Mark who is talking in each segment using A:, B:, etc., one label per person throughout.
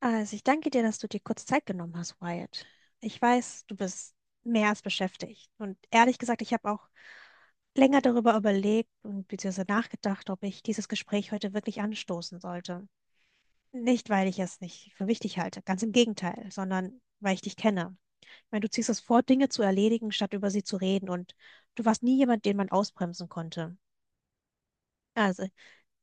A: Also, ich danke dir, dass du dir kurz Zeit genommen hast, Wyatt. Ich weiß, du bist mehr als beschäftigt. Und ehrlich gesagt, ich habe auch länger darüber überlegt und beziehungsweise nachgedacht, ob ich dieses Gespräch heute wirklich anstoßen sollte. Nicht, weil ich es nicht für wichtig halte, ganz im Gegenteil, sondern weil ich dich kenne. Ich meine, du ziehst es vor, Dinge zu erledigen, statt über sie zu reden. Und du warst nie jemand, den man ausbremsen konnte. Also,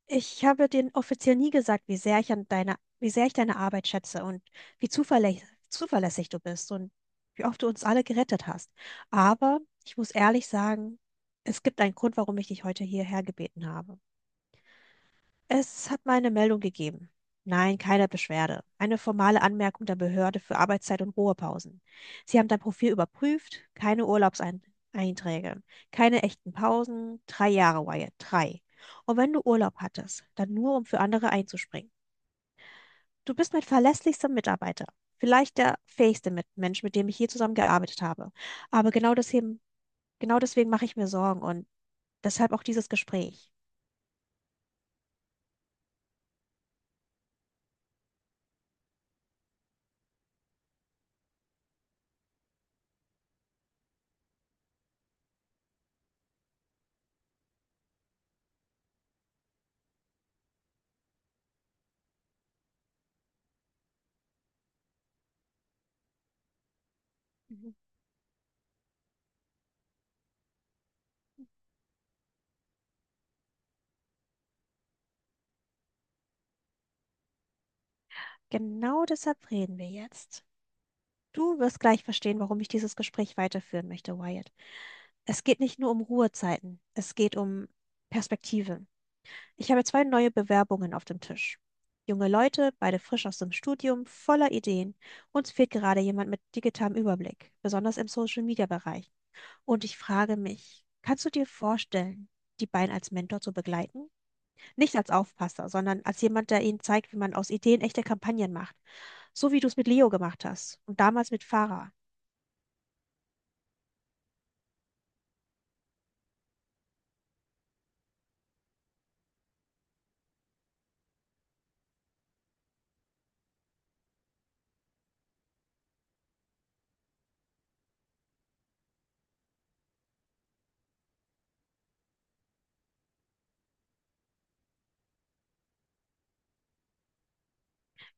A: ich habe dir offiziell nie gesagt, wie sehr ich deine Arbeit schätze und wie zuverlässig du bist und wie oft du uns alle gerettet hast. Aber ich muss ehrlich sagen, es gibt einen Grund, warum ich dich heute hierher gebeten habe. Es hat mal eine Meldung gegeben. Nein, keine Beschwerde. Eine formale Anmerkung der Behörde für Arbeitszeit und Ruhepausen. Sie haben dein Profil überprüft, keine Urlaubseinträge, keine echten Pausen, 3 Jahre, Wyatt, drei. Und wenn du Urlaub hattest, dann nur, um für andere einzuspringen. Du bist mein verlässlichster Mitarbeiter. Vielleicht der fähigste Mensch, mit dem ich hier zusammengearbeitet habe. Aber genau deswegen mache ich mir Sorgen und deshalb auch dieses Gespräch. Mhm. Genau deshalb reden wir jetzt. Du wirst gleich verstehen, warum ich dieses Gespräch weiterführen möchte, Wyatt. Es geht nicht nur um Ruhezeiten, es geht um Perspektive. Ich habe zwei neue Bewerbungen auf dem Tisch. Junge Leute, beide frisch aus dem Studium, voller Ideen. Uns fehlt gerade jemand mit digitalem Überblick, besonders im Social-Media-Bereich. Und ich frage mich, kannst du dir vorstellen, die beiden als Mentor zu begleiten? Nicht als Aufpasser, sondern als jemand, der ihnen zeigt, wie man aus Ideen echte Kampagnen macht. So wie du es mit Leo gemacht hast und damals mit Farah.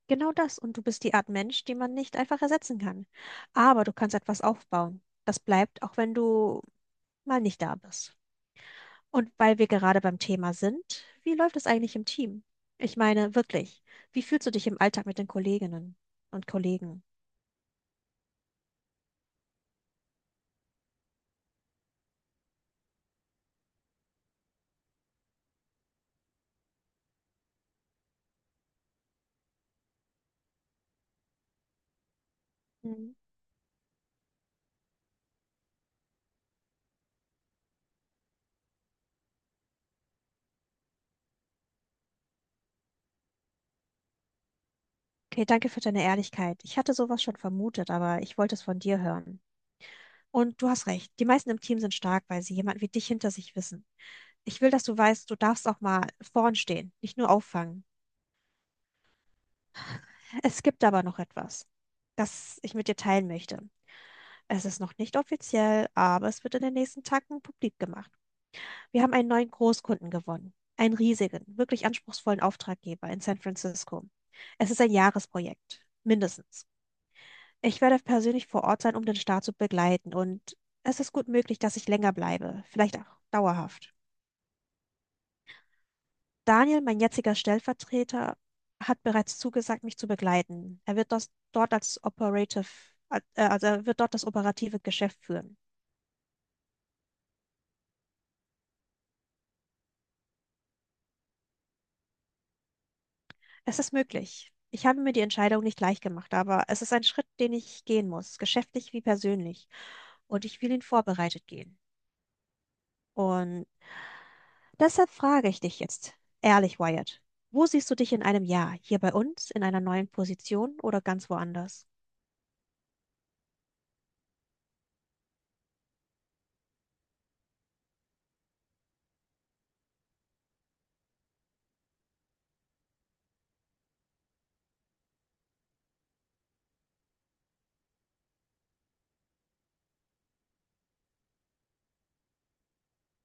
A: Genau das. Und du bist die Art Mensch, die man nicht einfach ersetzen kann. Aber du kannst etwas aufbauen. Das bleibt, auch wenn du mal nicht da bist. Und weil wir gerade beim Thema sind, wie läuft es eigentlich im Team? Ich meine, wirklich, wie fühlst du dich im Alltag mit den Kolleginnen und Kollegen? Mhm. Okay, danke für deine Ehrlichkeit. Ich hatte sowas schon vermutet, aber ich wollte es von dir hören. Und du hast recht, die meisten im Team sind stark, weil sie jemanden wie dich hinter sich wissen. Ich will, dass du weißt, du darfst auch mal vorn stehen, nicht nur auffangen. Es gibt aber noch etwas, das ich mit dir teilen möchte. Es ist noch nicht offiziell, aber es wird in den nächsten Tagen publik gemacht. Wir haben einen neuen Großkunden gewonnen. Einen riesigen, wirklich anspruchsvollen Auftraggeber in San Francisco. Es ist ein Jahresprojekt, mindestens. Ich werde persönlich vor Ort sein, um den Start zu begleiten und es ist gut möglich, dass ich länger bleibe, vielleicht auch dauerhaft. Daniel, mein jetziger Stellvertreter, hat bereits zugesagt, mich zu begleiten. Er wird das dort als Operative, Also er wird dort das operative Geschäft führen. Es ist möglich. Ich habe mir die Entscheidung nicht leicht gemacht, aber es ist ein Schritt, den ich gehen muss, geschäftlich wie persönlich. Und ich will ihn vorbereitet gehen. Und deshalb frage ich dich jetzt, ehrlich, Wyatt, wo siehst du dich in einem Jahr? Hier bei uns, in einer neuen Position oder ganz woanders?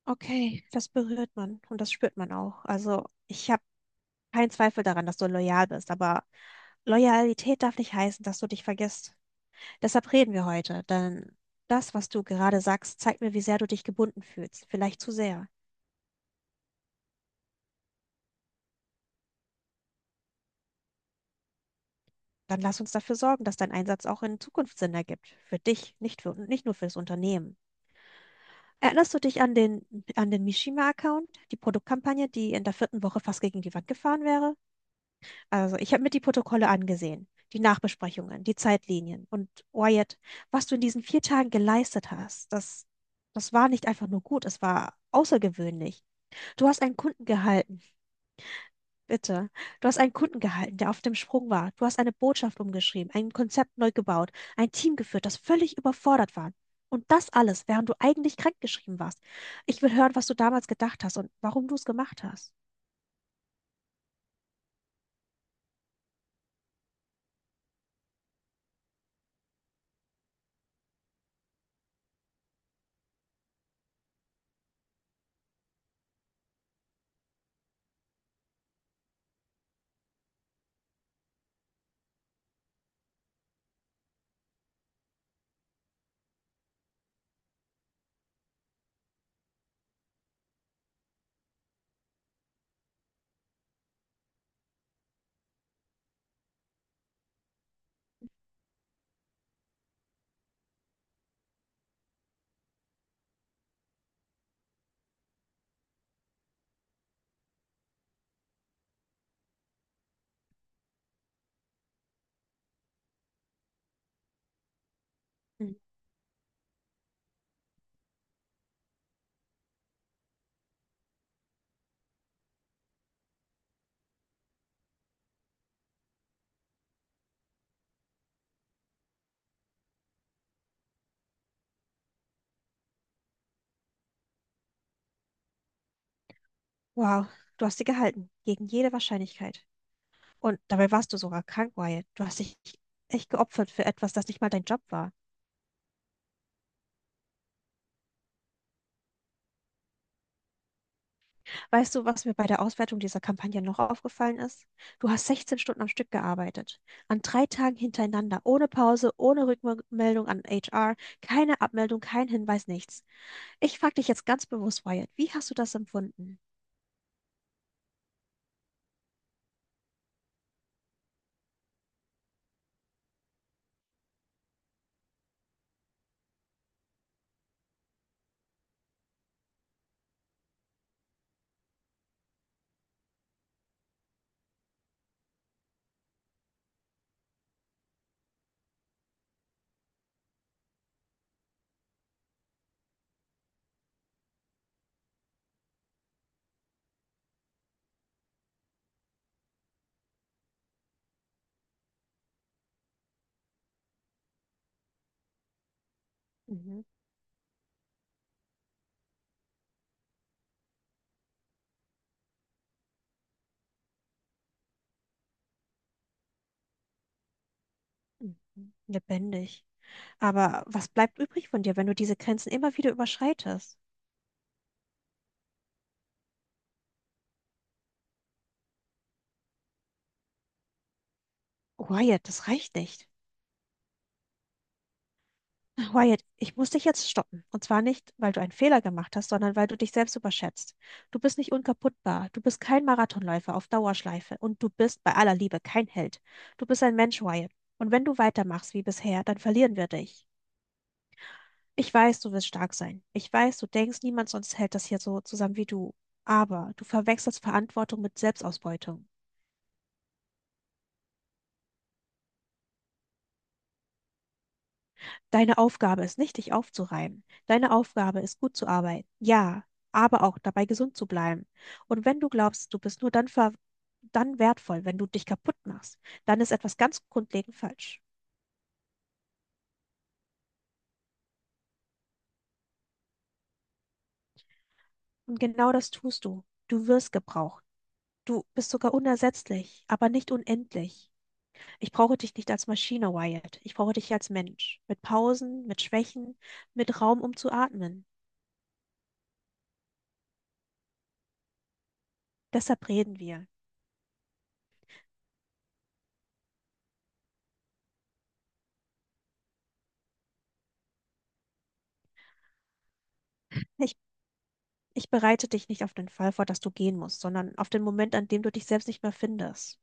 A: Okay, das berührt man und das spürt man auch. Also, ich habe keinen Zweifel daran, dass du loyal bist, aber Loyalität darf nicht heißen, dass du dich vergisst. Deshalb reden wir heute, denn das, was du gerade sagst, zeigt mir, wie sehr du dich gebunden fühlst. Vielleicht zu sehr. Dann lass uns dafür sorgen, dass dein Einsatz auch in Zukunft Sinn ergibt. Für dich, nicht für, nicht nur für das Unternehmen. Erinnerst du dich an den Mishima-Account, die Produktkampagne, die in der vierten Woche fast gegen die Wand gefahren wäre? Also, ich habe mir die Protokolle angesehen, die Nachbesprechungen, die Zeitlinien und Wyatt, was du in diesen 4 Tagen geleistet hast, das war nicht einfach nur gut, es war außergewöhnlich. Du hast einen Kunden gehalten, bitte. Du hast einen Kunden gehalten, der auf dem Sprung war. Du hast eine Botschaft umgeschrieben, ein Konzept neu gebaut, ein Team geführt, das völlig überfordert war. Und das alles, während du eigentlich krankgeschrieben warst. Ich will hören, was du damals gedacht hast und warum du es gemacht hast. Mhm. Wow, du hast sie gehalten, gegen jede Wahrscheinlichkeit. Und dabei warst du sogar krank, Wyatt. Du hast dich echt geopfert für etwas, das nicht mal dein Job war. Weißt du, was mir bei der Auswertung dieser Kampagne noch aufgefallen ist? Du hast 16 Stunden am Stück gearbeitet. An 3 Tagen hintereinander, ohne Pause, ohne Rückmeldung an HR, keine Abmeldung, kein Hinweis, nichts. Ich frage dich jetzt ganz bewusst, Wyatt, wie hast du das empfunden? Mhm. Mhm, Lebendig. Aber was bleibt übrig von dir, wenn du diese Grenzen immer wieder überschreitest? Wyatt, das reicht nicht. Wyatt, ich muss dich jetzt stoppen. Und zwar nicht, weil du einen Fehler gemacht hast, sondern weil du dich selbst überschätzt. Du bist nicht unkaputtbar. Du bist kein Marathonläufer auf Dauerschleife. Und du bist bei aller Liebe kein Held. Du bist ein Mensch, Wyatt. Und wenn du weitermachst wie bisher, dann verlieren wir dich. Ich weiß, du wirst stark sein. Ich weiß, du denkst, niemand sonst hält das hier so zusammen wie du. Aber du verwechselst Verantwortung mit Selbstausbeutung. Deine Aufgabe ist nicht, dich aufzureiben. Deine Aufgabe ist, gut zu arbeiten. Ja, aber auch dabei gesund zu bleiben. Und wenn du glaubst, du bist nur dann wertvoll, wenn du dich kaputt machst, dann ist etwas ganz grundlegend falsch. Und genau das tust du. Du wirst gebraucht. Du bist sogar unersetzlich, aber nicht unendlich. Ich brauche dich nicht als Maschine, Wyatt. Ich brauche dich als Mensch. Mit Pausen, mit Schwächen, mit Raum, um zu atmen. Deshalb reden wir. Ich bereite dich nicht auf den Fall vor, dass du gehen musst, sondern auf den Moment, an dem du dich selbst nicht mehr findest.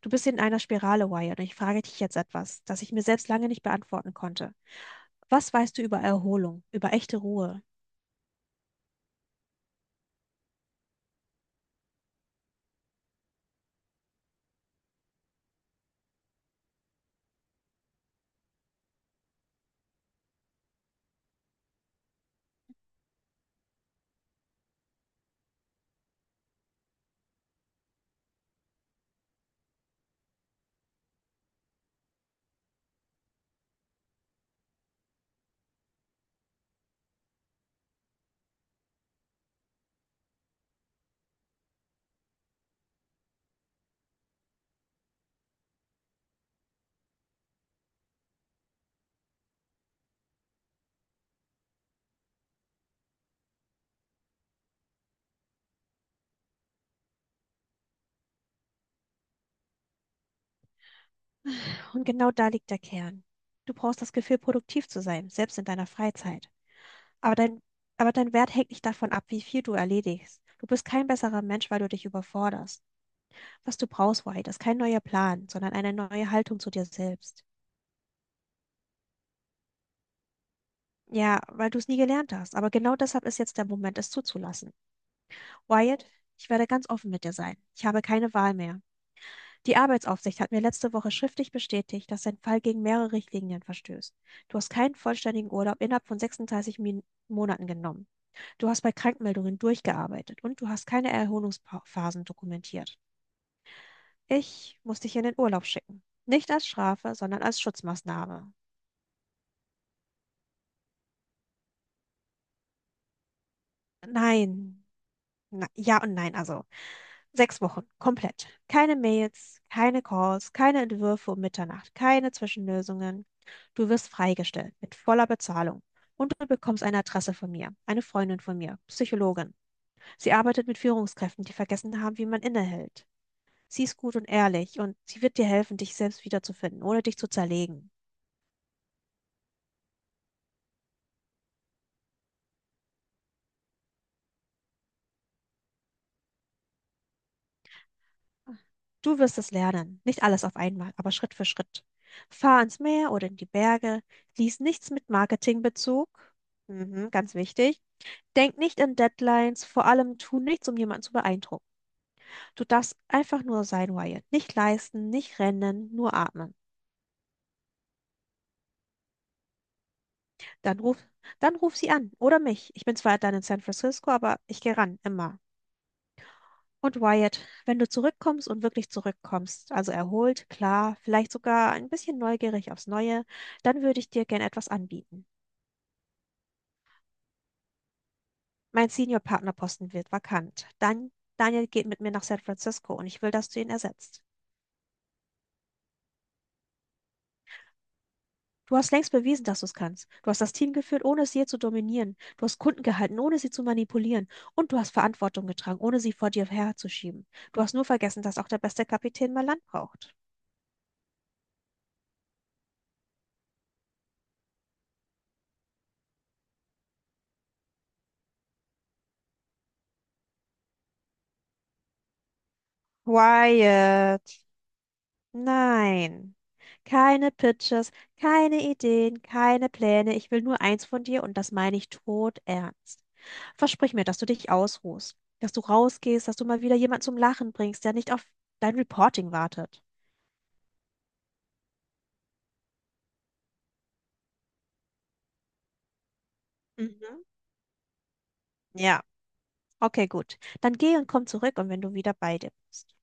A: Du bist in einer Spirale, Wyatt, und ich frage dich jetzt etwas, das ich mir selbst lange nicht beantworten konnte. Was weißt du über Erholung, über echte Ruhe? Und genau da liegt der Kern. Du brauchst das Gefühl, produktiv zu sein, selbst in deiner Freizeit. Aber dein, aber dein Wert hängt nicht davon ab, wie viel du erledigst. Du bist kein besserer Mensch, weil du dich überforderst. Was du brauchst, Wyatt, ist kein neuer Plan, sondern eine neue Haltung zu dir selbst. Ja, weil du es nie gelernt hast. Aber genau deshalb ist jetzt der Moment, es zuzulassen. Wyatt, ich werde ganz offen mit dir sein. Ich habe keine Wahl mehr. Die Arbeitsaufsicht hat mir letzte Woche schriftlich bestätigt, dass dein Fall gegen mehrere Richtlinien verstößt. Du hast keinen vollständigen Urlaub innerhalb von 36 Min Monaten genommen. Du hast bei Krankmeldungen durchgearbeitet und du hast keine Erholungsphasen dokumentiert. Ich muss dich in den Urlaub schicken. Nicht als Strafe, sondern als Schutzmaßnahme. Nein. Na, ja und nein, also. 6 Wochen, komplett. Keine Mails, keine Calls, keine Entwürfe um Mitternacht, keine Zwischenlösungen. Du wirst freigestellt mit voller Bezahlung. Und du bekommst eine Adresse von mir, eine Freundin von mir, Psychologin. Sie arbeitet mit Führungskräften, die vergessen haben, wie man innehält. Sie ist gut und ehrlich und sie wird dir helfen, dich selbst wiederzufinden, ohne dich zu zerlegen. Du wirst es lernen, nicht alles auf einmal, aber Schritt für Schritt. Fahr ans Meer oder in die Berge, lies nichts mit Marketingbezug, mhm, ganz wichtig, denk nicht in Deadlines, vor allem tu nichts, um jemanden zu beeindrucken. Du darfst einfach nur sein, Wyatt. Nicht leisten, nicht rennen, nur atmen. Dann ruf, Dann ruf sie an oder mich. Ich bin zwar dann in San Francisco, aber ich gehe ran, immer. Und Wyatt, wenn du zurückkommst und wirklich zurückkommst, also erholt, klar, vielleicht sogar ein bisschen neugierig aufs Neue, dann würde ich dir gern etwas anbieten. Mein Senior-Partnerposten wird vakant. Dann Daniel geht mit mir nach San Francisco und ich will, dass du ihn ersetzt. Du hast längst bewiesen, dass du es kannst. Du hast das Team geführt, ohne es je zu dominieren. Du hast Kunden gehalten, ohne sie zu manipulieren. Und du hast Verantwortung getragen, ohne sie vor dir herzuschieben. Du hast nur vergessen, dass auch der beste Kapitän mal Land braucht. Wyatt. Nein. Keine Pitches, keine Ideen, keine Pläne. Ich will nur eins von dir und das meine ich todernst. Versprich mir, dass du dich ausruhst, dass du rausgehst, dass du mal wieder jemanden zum Lachen bringst, der nicht auf dein Reporting wartet. Mhm. Ja. Okay, gut. Dann geh und komm zurück und wenn du wieder bei dir bist.